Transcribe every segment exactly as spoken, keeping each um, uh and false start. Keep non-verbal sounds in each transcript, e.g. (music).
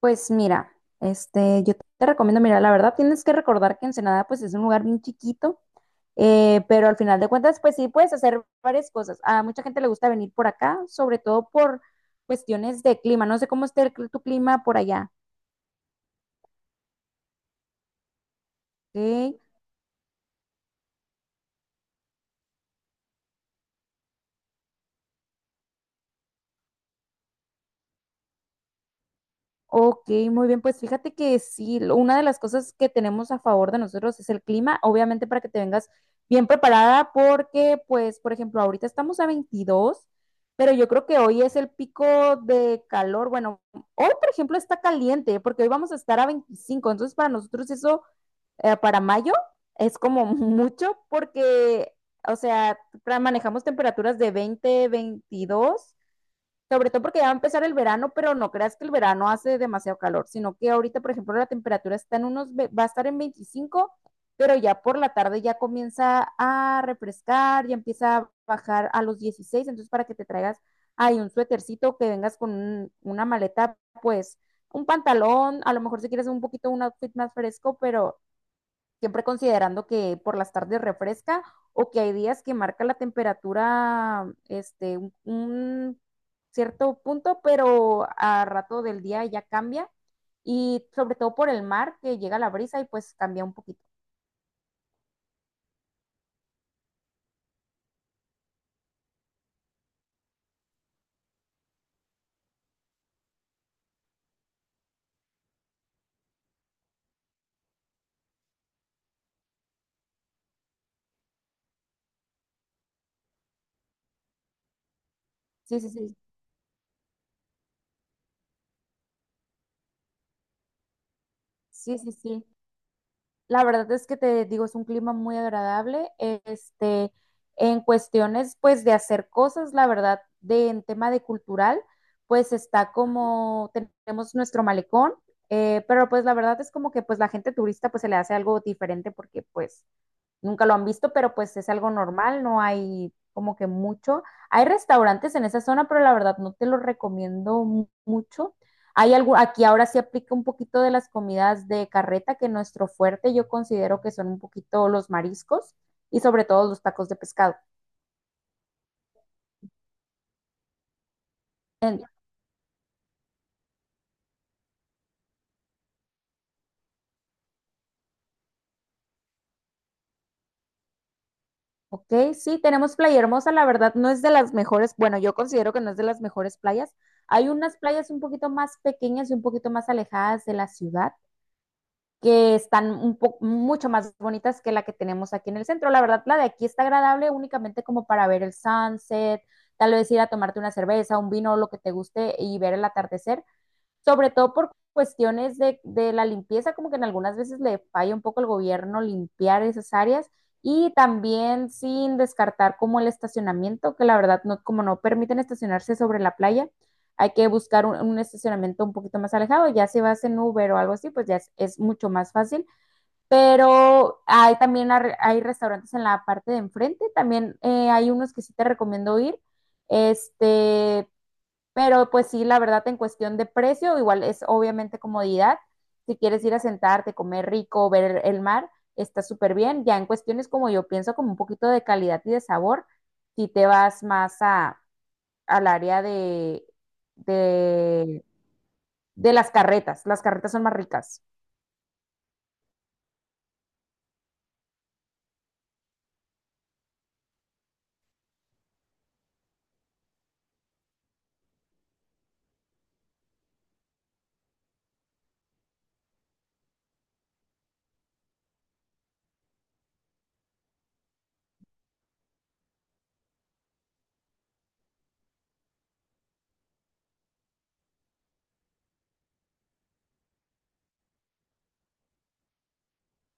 Pues mira, este, yo te recomiendo, mira, la verdad tienes que recordar que Ensenada pues es un lugar bien chiquito, eh, pero al final de cuentas pues sí puedes hacer varias cosas. A mucha gente le gusta venir por acá, sobre todo por cuestiones de clima. No sé cómo esté el cl- tu clima por allá, ¿ok? Ok, muy bien, pues fíjate que sí, lo- una de las cosas que tenemos a favor de nosotros es el clima, obviamente para que te vengas bien preparada porque, pues, por ejemplo, ahorita estamos a veintidós, pero yo creo que hoy es el pico de calor. Bueno, hoy, por ejemplo, está caliente porque hoy vamos a estar a veinticinco. Entonces para nosotros eso, eh, para mayo, es como (laughs) mucho porque, o sea, tra- manejamos temperaturas de veinte, veintidós. Sobre todo porque ya va a empezar el verano, pero no creas que el verano hace demasiado calor, sino que ahorita, por ejemplo, la temperatura está en unos, ve- va a estar en veinticinco, pero ya por la tarde ya comienza a refrescar, ya empieza a bajar a los dieciséis. Entonces para que te traigas ahí un suétercito, que vengas con un- una maleta, pues un pantalón, a lo mejor si quieres un poquito un outfit más fresco, pero siempre considerando que por las tardes refresca o que hay días que marca la temperatura este, un, un cierto punto, pero a rato del día ya cambia, y sobre todo por el mar que llega la brisa y pues cambia un poquito. Sí, sí, sí, sí, sí, sí. La verdad es que te digo, es un clima muy agradable. Eh, Este, en cuestiones, pues, de hacer cosas, la verdad, de en tema de cultural, pues está como tenemos nuestro malecón, eh, pero pues la verdad es como que pues la gente turista pues se le hace algo diferente porque pues nunca lo han visto, pero pues es algo normal, no hay como que mucho. Hay restaurantes en esa zona, pero la verdad no te lo recomiendo mu- mucho. Hay algo, aquí ahora sí aplica un poquito de las comidas de carreta, que nuestro fuerte yo considero que son un poquito los mariscos, y sobre todo los tacos de pescado. En- ok, sí, tenemos Playa Hermosa, la verdad no es de las mejores, bueno, yo considero que no es de las mejores playas. Hay unas playas un poquito más pequeñas y un poquito más alejadas de la ciudad, que están un poco mucho más bonitas que la que tenemos aquí en el centro. La verdad, la de aquí está agradable únicamente como para ver el sunset, tal vez ir a tomarte una cerveza, un vino, lo que te guste y ver el atardecer, sobre todo por cuestiones de, de la limpieza, como que en algunas veces le falla un poco el gobierno limpiar esas áreas, y también sin descartar como el estacionamiento, que la verdad no, como no permiten estacionarse sobre la playa, hay que buscar un, un, estacionamiento un poquito más alejado. Ya si vas en Uber o algo así, pues ya es, es mucho más fácil, pero hay también hay restaurantes en la parte de enfrente, también eh, hay unos que sí te recomiendo ir, este, pero pues sí, la verdad, en cuestión de precio, igual es obviamente comodidad. Si quieres ir a sentarte, comer rico, ver el mar, está súper bien. Ya en cuestiones como yo pienso, como un poquito de calidad y de sabor, si te vas más a, al área de, de, de las carretas, las carretas son más ricas.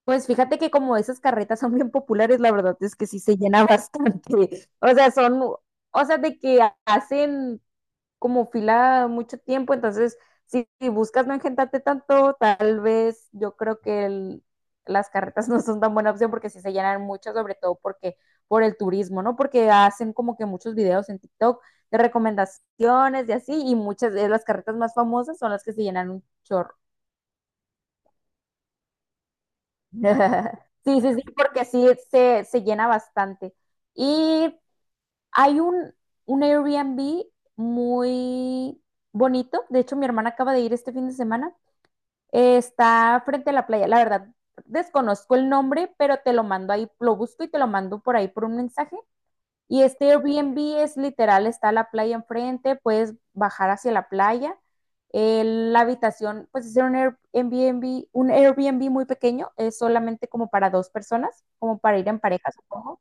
Pues fíjate que como esas carretas son bien populares, la verdad es que sí se llena bastante. (laughs) O sea, son, o sea, de que hacen como fila mucho tiempo, entonces si, si buscas no engentarte tanto, tal vez yo creo que el, las carretas (laughs) no son tan buena opción porque sí se llenan mucho, sobre todo porque por el turismo, ¿no? Porque hacen como que muchos videos en TikTok de recomendaciones y así, y muchas de las carretas más famosas son las que se llenan un chorro. (laughs) Sí, sí, sí, porque sí se, se llena bastante. Y hay un, un Airbnb muy bonito. De hecho, mi hermana acaba de ir este fin de semana. Eh, está frente a la playa. La verdad, desconozco el nombre, pero te lo mando ahí, lo busco y te lo mando por ahí por un mensaje. Y este Airbnb es literal, está la playa enfrente, puedes bajar hacia la playa. Eh, la habitación, pues es un Airbnb, un Airbnb muy pequeño, es solamente como para dos personas, como para ir en pareja, supongo.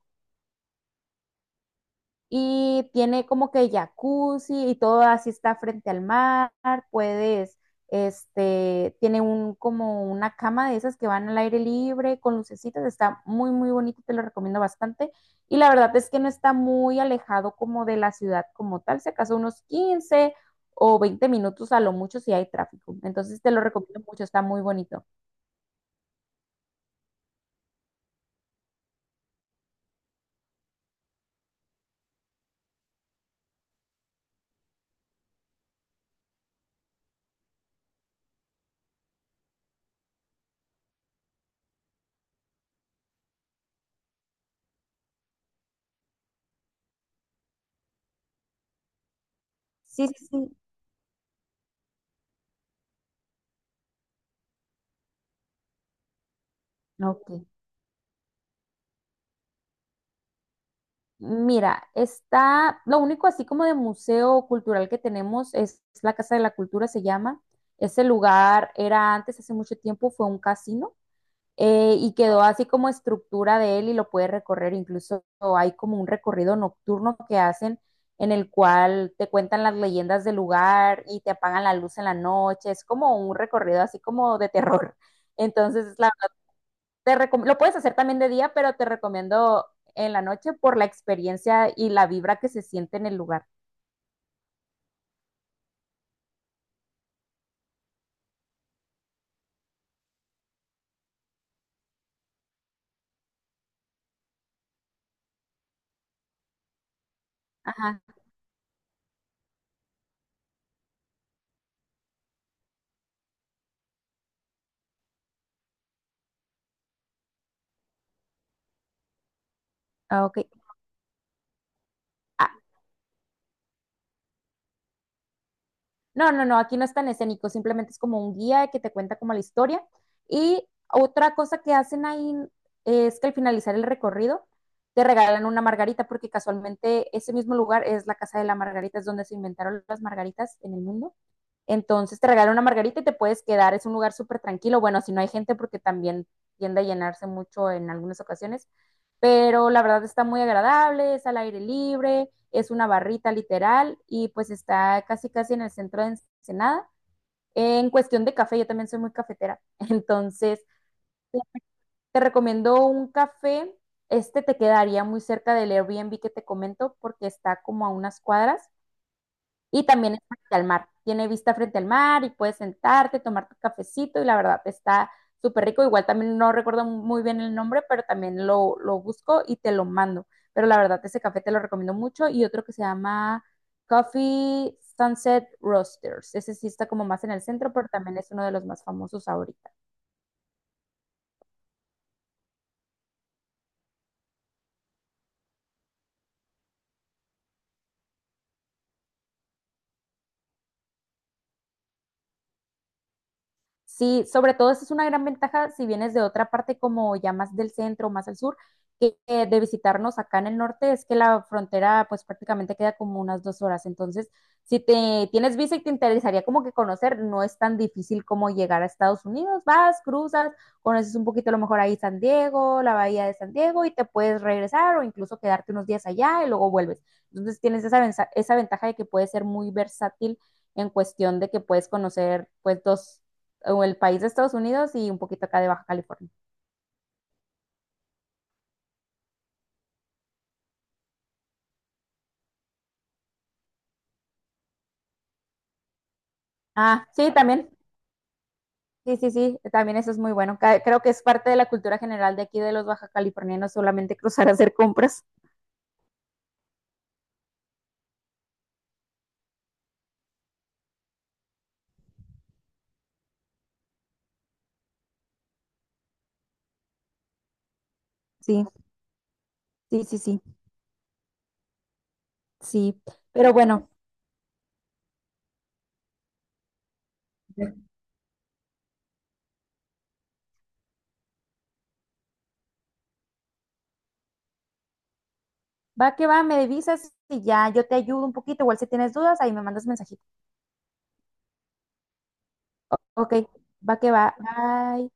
Y tiene como que jacuzzi y todo, así está frente al mar, puedes, este, tiene un como una cama de esas que van al aire libre con lucecitas, está muy muy bonito, te lo recomiendo bastante, y la verdad es que no está muy alejado como de la ciudad como tal, se acaso unos quince o veinte minutos a lo mucho si hay tráfico. Entonces te lo recomiendo mucho, está muy bonito. Sí, sí, sí. Ok. Mira, está, lo único así como de museo cultural que tenemos es la Casa de la Cultura, se llama. Ese lugar era antes, hace mucho tiempo, fue un casino, eh, y quedó así como estructura de él y lo puedes recorrer. Incluso hay como un recorrido nocturno que hacen, en el cual te cuentan las leyendas del lugar y te apagan la luz en la noche. Es como un recorrido así como de terror. (laughs) Entonces, la te recom- lo puedes hacer también de día, pero te recomiendo en la noche por la experiencia y la vibra que se siente en el lugar. Ajá, ah, ok. Ah, no, no, no, aquí no es tan escénico, simplemente es como un guía que te cuenta como la historia. Y otra cosa que hacen ahí es que al finalizar el recorrido te regalan una margarita, porque casualmente ese mismo lugar es la casa de la margarita, es donde se inventaron las margaritas en el mundo. Entonces te regalan una margarita y te puedes quedar, es un lugar súper tranquilo. Bueno, si no hay gente, porque también tiende a llenarse mucho en algunas ocasiones, pero la verdad está muy agradable, es al aire libre, es una barrita literal y pues está casi casi en el centro de Ensenada. En cuestión de café, yo también soy muy cafetera, (laughs) entonces te te recomiendo un café, este te quedaría muy cerca del Airbnb que te comento porque está como a unas cuadras, y también es frente al mar. Tiene vista frente al mar y puedes sentarte, tomar tu cafecito y la verdad está súper rico. Igual también no recuerdo muy bien el nombre, pero también lo, lo busco y te lo mando. Pero la verdad ese café te lo recomiendo mucho, y otro que se llama Coffee Sunset Roasters. Ese sí está como más en el centro, pero también es uno de los más famosos ahorita. Sí, sobre todo esa es una gran ventaja si vienes de otra parte como ya más del centro, más al sur, que eh, de visitarnos acá en el norte es que la frontera pues prácticamente queda como unas dos horas. Entonces, si te tienes visa y te interesaría como que conocer, no es tan difícil como llegar a Estados Unidos. Vas, cruzas, conoces un poquito a lo mejor ahí San Diego, la bahía de San Diego y te puedes regresar o incluso quedarte unos días allá y luego vuelves. Entonces, tienes esa, venza- esa ventaja de que puedes ser muy versátil en cuestión de que puedes conocer pues dos, o el país de Estados Unidos y un poquito acá de Baja California. Ah, sí, también. Sí, sí, sí, también eso es muy bueno. Ca- Creo que es parte de la cultura general de aquí de los baja californianos solamente cruzar a hacer compras. Sí, sí, sí, sí, sí. Pero bueno, va que va, me divisas y ya yo te ayudo un poquito. Igual si tienes dudas, ahí me mandas mensajito. Ok, va que va. Bye.